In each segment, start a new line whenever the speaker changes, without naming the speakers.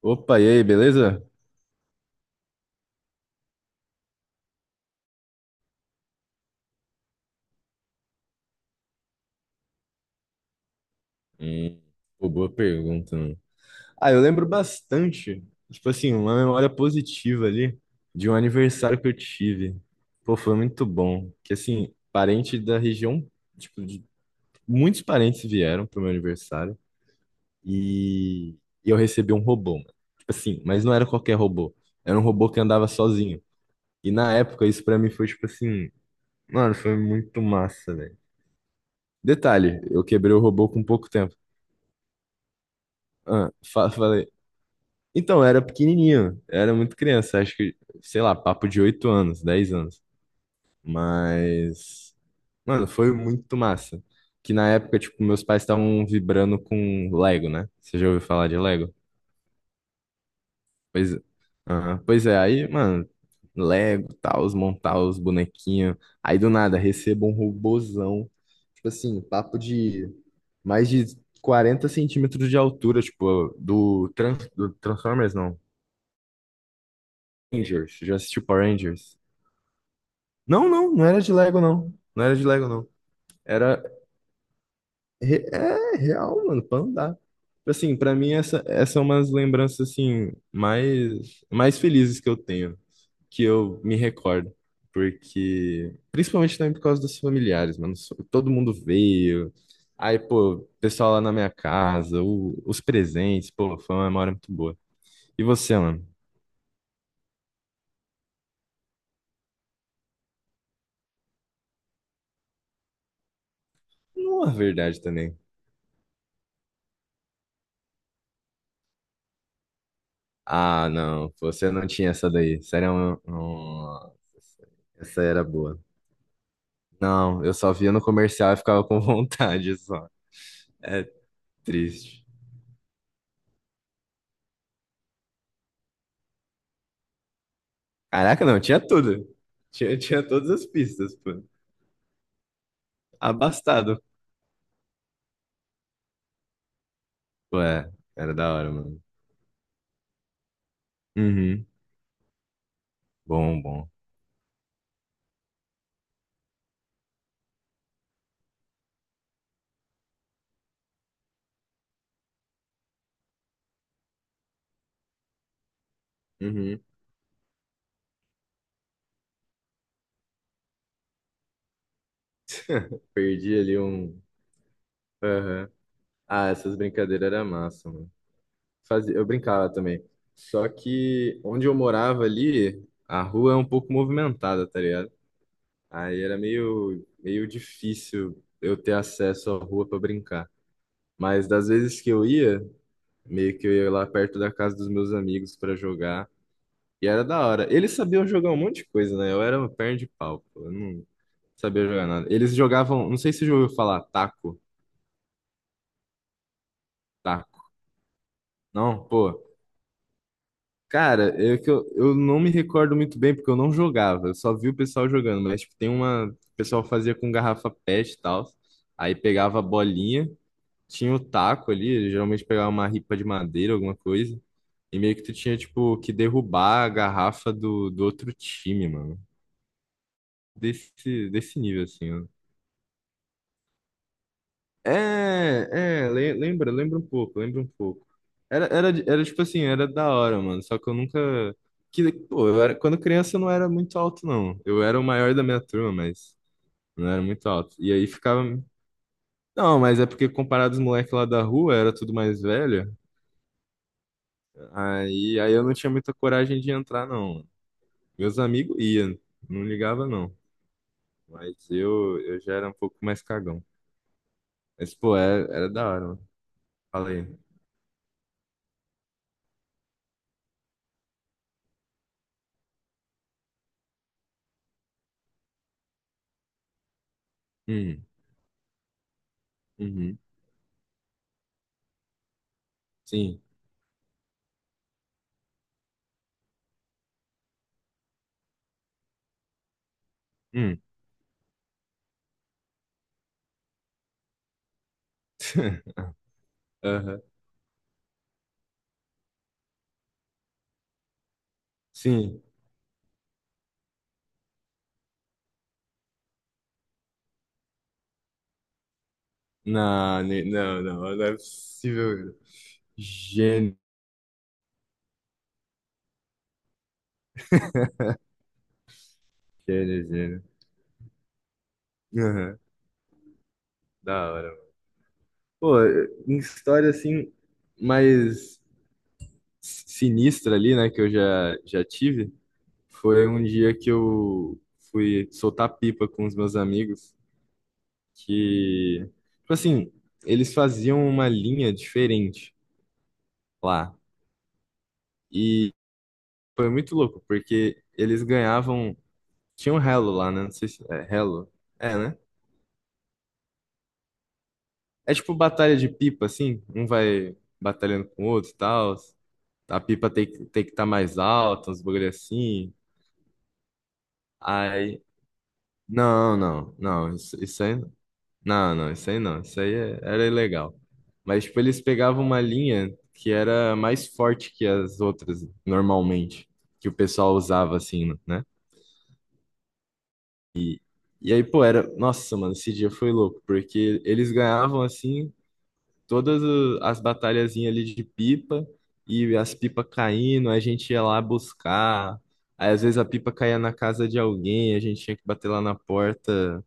Opa, e aí, beleza? Hum, Pô, boa pergunta, mano. Ah, eu lembro bastante, tipo assim, uma memória positiva ali de um aniversário que eu tive. Pô, foi muito bom. Que assim, parente da região, tipo, muitos parentes vieram pro meu aniversário e e eu recebi um robô, mano. Tipo assim, mas não era qualquer robô. Era um robô que andava sozinho. E na época isso pra mim foi tipo assim, mano, foi muito massa, velho. Detalhe, eu quebrei o robô com pouco tempo. Ah, falei, então, eu era pequenininho, eu era muito criança, acho que, sei lá, papo de 8 anos, 10 anos. Mas, mano, foi muito massa. Que na época, tipo, meus pais estavam vibrando com Lego, né? Você já ouviu falar de Lego? Pois, aham. Pois é, aí, mano, Lego, tal, os montar os bonequinhos. Aí do nada, recebo um robozão, tipo assim, papo de mais de 40 centímetros de altura, tipo, do, trans, do Transformers, não. Rangers, já assistiu Power Rangers? Não, não, não era de Lego, não. Não era de Lego, não. Era. É real, mano, pra andar. Tipo assim, pra mim, essa, essas são umas lembranças, assim, mais, mais felizes que eu tenho, que eu me recordo. Porque. Principalmente também por causa dos familiares, mano. Todo mundo veio. Aí, pô, o pessoal lá na minha casa, os presentes, pô, foi uma memória muito boa. E você, mano? Não é verdade também. Ah, não, você não tinha essa daí. Sério, um... Nossa, essa era boa. Não, eu só via no comercial e ficava com vontade só. É triste. Caraca, não, tinha tudo. Tinha, tinha todas as pistas, pô. Abastado. Ué, era da hora, mano. Uhum. Bom, bom. Uhum. Perdi ali um. Aham. Ah, essas brincadeiras eram massa, mano. Fazia... Eu brincava também. Só que onde eu morava ali, a rua é um pouco movimentada, tá ligado? Aí era meio, meio difícil eu ter acesso à rua para brincar. Mas das vezes que eu ia, meio que eu ia lá perto da casa dos meus amigos para jogar. E era da hora. Eles sabiam jogar um monte de coisa, né? Eu era uma perna de pau, pô. Eu não sabia jogar nada. Eles jogavam, não sei se você já ouviu falar, taco, taco. Não, pô. Cara, é que eu não me recordo muito bem porque eu não jogava. Eu só vi o pessoal jogando, mas tipo, tem uma, o pessoal fazia com garrafa PET e tal. Aí pegava a bolinha tinha o taco ali, ele geralmente pegava uma ripa de madeira, alguma coisa, e meio que tu tinha, tipo, que derrubar a garrafa do outro time, mano. Desse nível, assim, ó. É, é, lembra, lembra um pouco, lembra um pouco. Era tipo assim, era da hora, mano, só que eu nunca... Que, pô, eu era, quando criança eu não era muito alto, não. Eu era o maior da minha turma, mas não era muito alto. E aí ficava... Não, mas é porque comparado aos moleques lá da rua, era tudo mais velho. Aí eu não tinha muita coragem de entrar, não. Meus amigos iam, não ligava, não. Mas eu já era um pouco mais cagão. Mas, pô, era da hora, mano. Falei, hum, uhum, sim, hum, aham, sim. Não, não, não, não é possível. Gênio, gênio, gênio. Aham, da hora, mano. Pô, em história, assim, mais sinistra ali, né, que eu já tive. Foi um dia que eu fui soltar pipa com os meus amigos, que, tipo assim, eles faziam uma linha diferente lá. E foi muito louco, porque eles ganhavam. Tinha um relo lá, né? Não sei se é relo. É, né? É tipo batalha de pipa, assim. Um vai batalhando com o outro e tal. A pipa tem que estar mais alta, uns bagulho assim. Aí. Não, não, não. Isso aí. Não, não, isso aí não. Isso aí era ilegal. Mas, tipo, eles pegavam uma linha que era mais forte que as outras, normalmente, que o pessoal usava, assim, né? E, e aí, pô, era. Nossa, mano, esse dia foi louco, porque eles ganhavam, assim, todas as batalhazinhas ali de pipa, e as pipas caindo, a gente ia lá buscar. Aí, às vezes, a pipa caía na casa de alguém, a gente tinha que bater lá na porta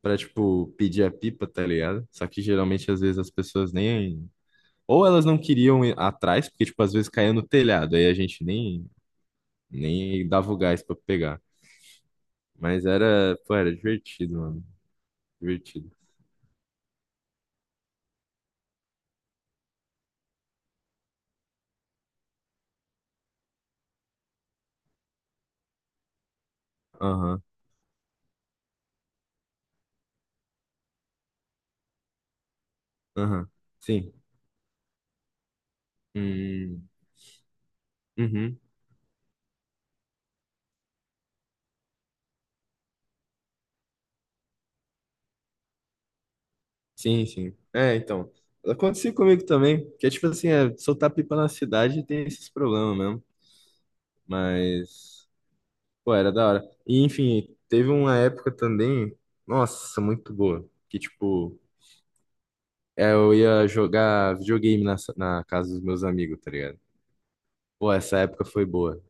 pra, tipo, pedir a pipa, tá ligado? Só que geralmente, às vezes, as pessoas nem. Ou elas não queriam ir atrás, porque, tipo, às vezes caía no telhado, aí a gente nem dava o gás pra pegar. Mas era, pô, era divertido, mano. Divertido. Aham, aham. Sim. Hum, uhum. Sim, sim. É, então. Aconteceu comigo também, que é tipo assim, é, soltar pipa na cidade tem esses problemas mesmo. Mas. Pô, era da hora. E, enfim, teve uma época também, nossa, muito boa, que, tipo, é, eu ia jogar videogame na casa dos meus amigos, tá ligado? Pô, essa época foi boa.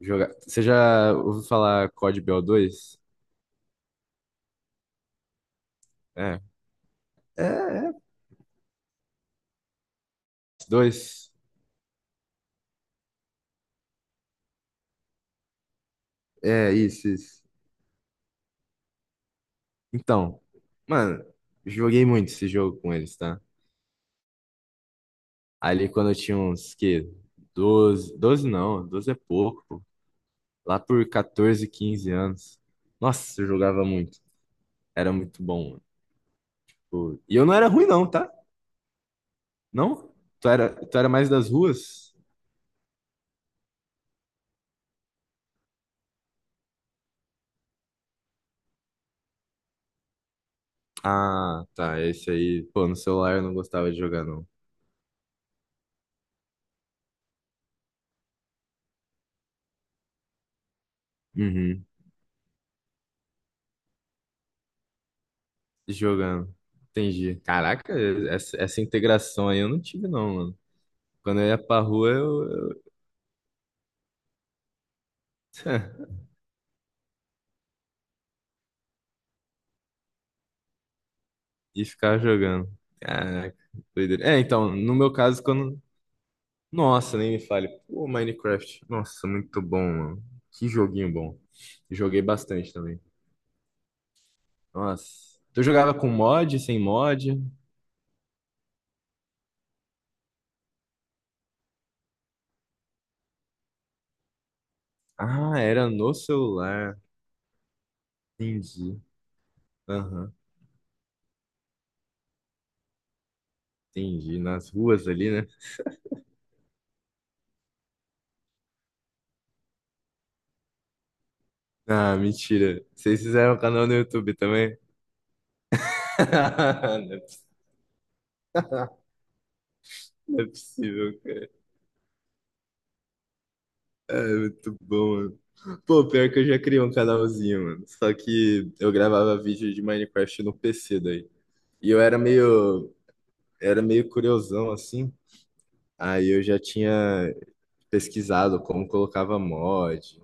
Jogar... Você já ouviu falar COD BO2? É. É, é. Dois. É, isso, isso. Então, mano, joguei muito esse jogo com eles, tá? Ali quando eu tinha uns, que, 12 12 não, 12 é pouco, pô. Lá por 14, 15 anos. Nossa, eu jogava muito. Era muito bom. Pô, e eu não era ruim, não, tá? Não? Tu era mais das ruas? Ah, tá. Esse aí, pô, no celular eu não gostava de jogar, não. Uhum. Jogando. Entendi. Caraca, essa integração aí eu não tive, não, mano. Quando eu ia pra rua, eu ia ficar jogando. Caraca, doideira. É, então, no meu caso, quando. Nossa, nem me fale. Pô, Minecraft. Nossa, muito bom, mano. Que joguinho bom. Joguei bastante também. Nossa. Tu jogava com mod, sem mod? Ah, era no celular. Entendi. Aham, entendi. Nas ruas ali, né? Ah, mentira. Vocês fizeram um canal no YouTube também? Não é não é possível, cara. É muito bom, mano. Pô, pior que eu já criei um canalzinho, mano. Só que eu gravava vídeo de Minecraft no PC daí. E eu era meio curiosão, assim. Aí eu já tinha pesquisado como colocava mod,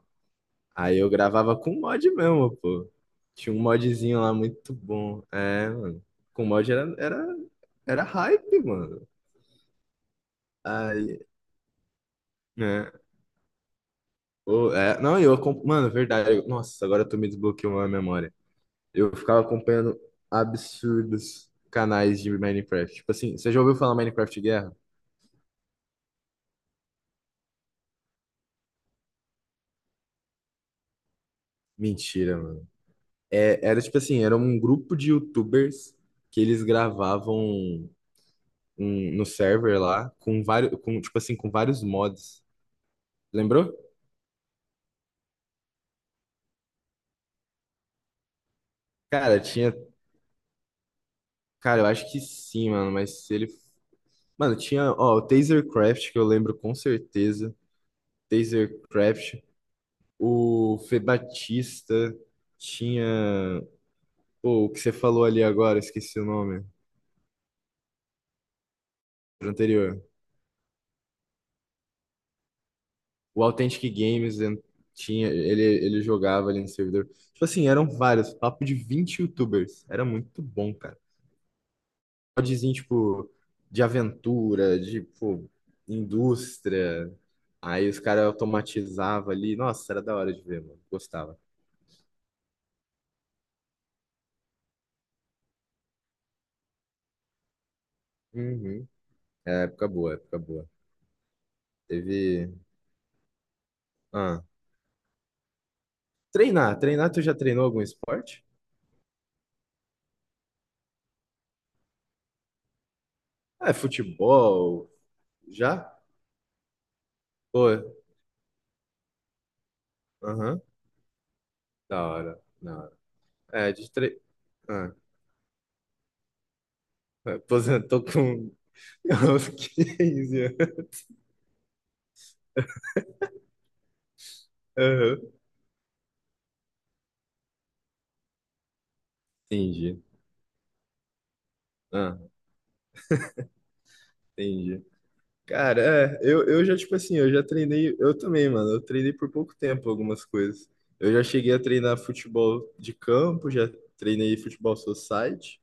aí eu gravava com mod mesmo, pô. Tinha um modzinho lá muito bom. É, mano. Com mod era hype, mano. Aí, né? Ô, é, não, eu, mano, verdade. Nossa, agora tu me desbloqueou a memória. Eu ficava acompanhando absurdos canais de Minecraft. Tipo assim, você já ouviu falar Minecraft Guerra? Mentira, mano. É, era tipo assim, era um grupo de YouTubers que eles gravavam no server lá com vários, com, tipo assim, com vários mods. Lembrou? Cara, tinha. Cara, eu acho que sim, mano. Mas se ele. Mano, tinha, ó, o Tasercraft, que eu lembro com certeza. Tasercraft. O Fê Batista. Tinha. Pô, o que você falou ali agora, esqueci o nome. Pro anterior. O Authentic Games tinha. Ele jogava ali no servidor. Tipo assim, eram vários. Papo de 20 youtubers. Era muito bom, cara. Podzinho, tipo, de aventura, de, pô, indústria. Aí os caras automatizavam ali. Nossa, era da hora de ver, mano. Gostava. Uhum. É, época boa, época boa. Teve. Ah, treinar. Treinar, tu já treinou algum esporte? Ah, é, futebol. Já? Pô, aham. Da hora, da hora. É, de tre... Ah, aposentou com aos 15 anos. Aham. Entendi. Ah, entendi. Cara, é, eu já, tipo assim, eu já treinei, eu também, mano, eu treinei por pouco tempo algumas coisas. Eu já cheguei a treinar futebol de campo, já treinei futebol society,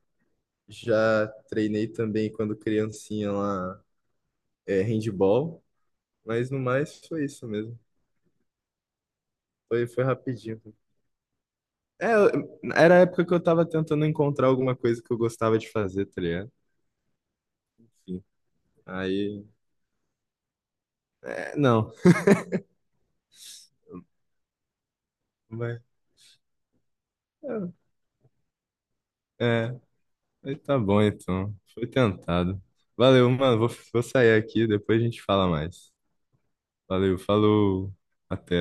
já treinei também quando criancinha lá, é, handball, mas no mais foi isso mesmo. Foi rapidinho. É, era a época que eu tava tentando encontrar alguma coisa que eu gostava de fazer, tá ligado? Enfim, aí, é, não, mas, é, é. Aí tá bom, então. Foi tentado. Valeu, mano. Vou sair aqui, depois a gente fala mais. Valeu, falou. Até.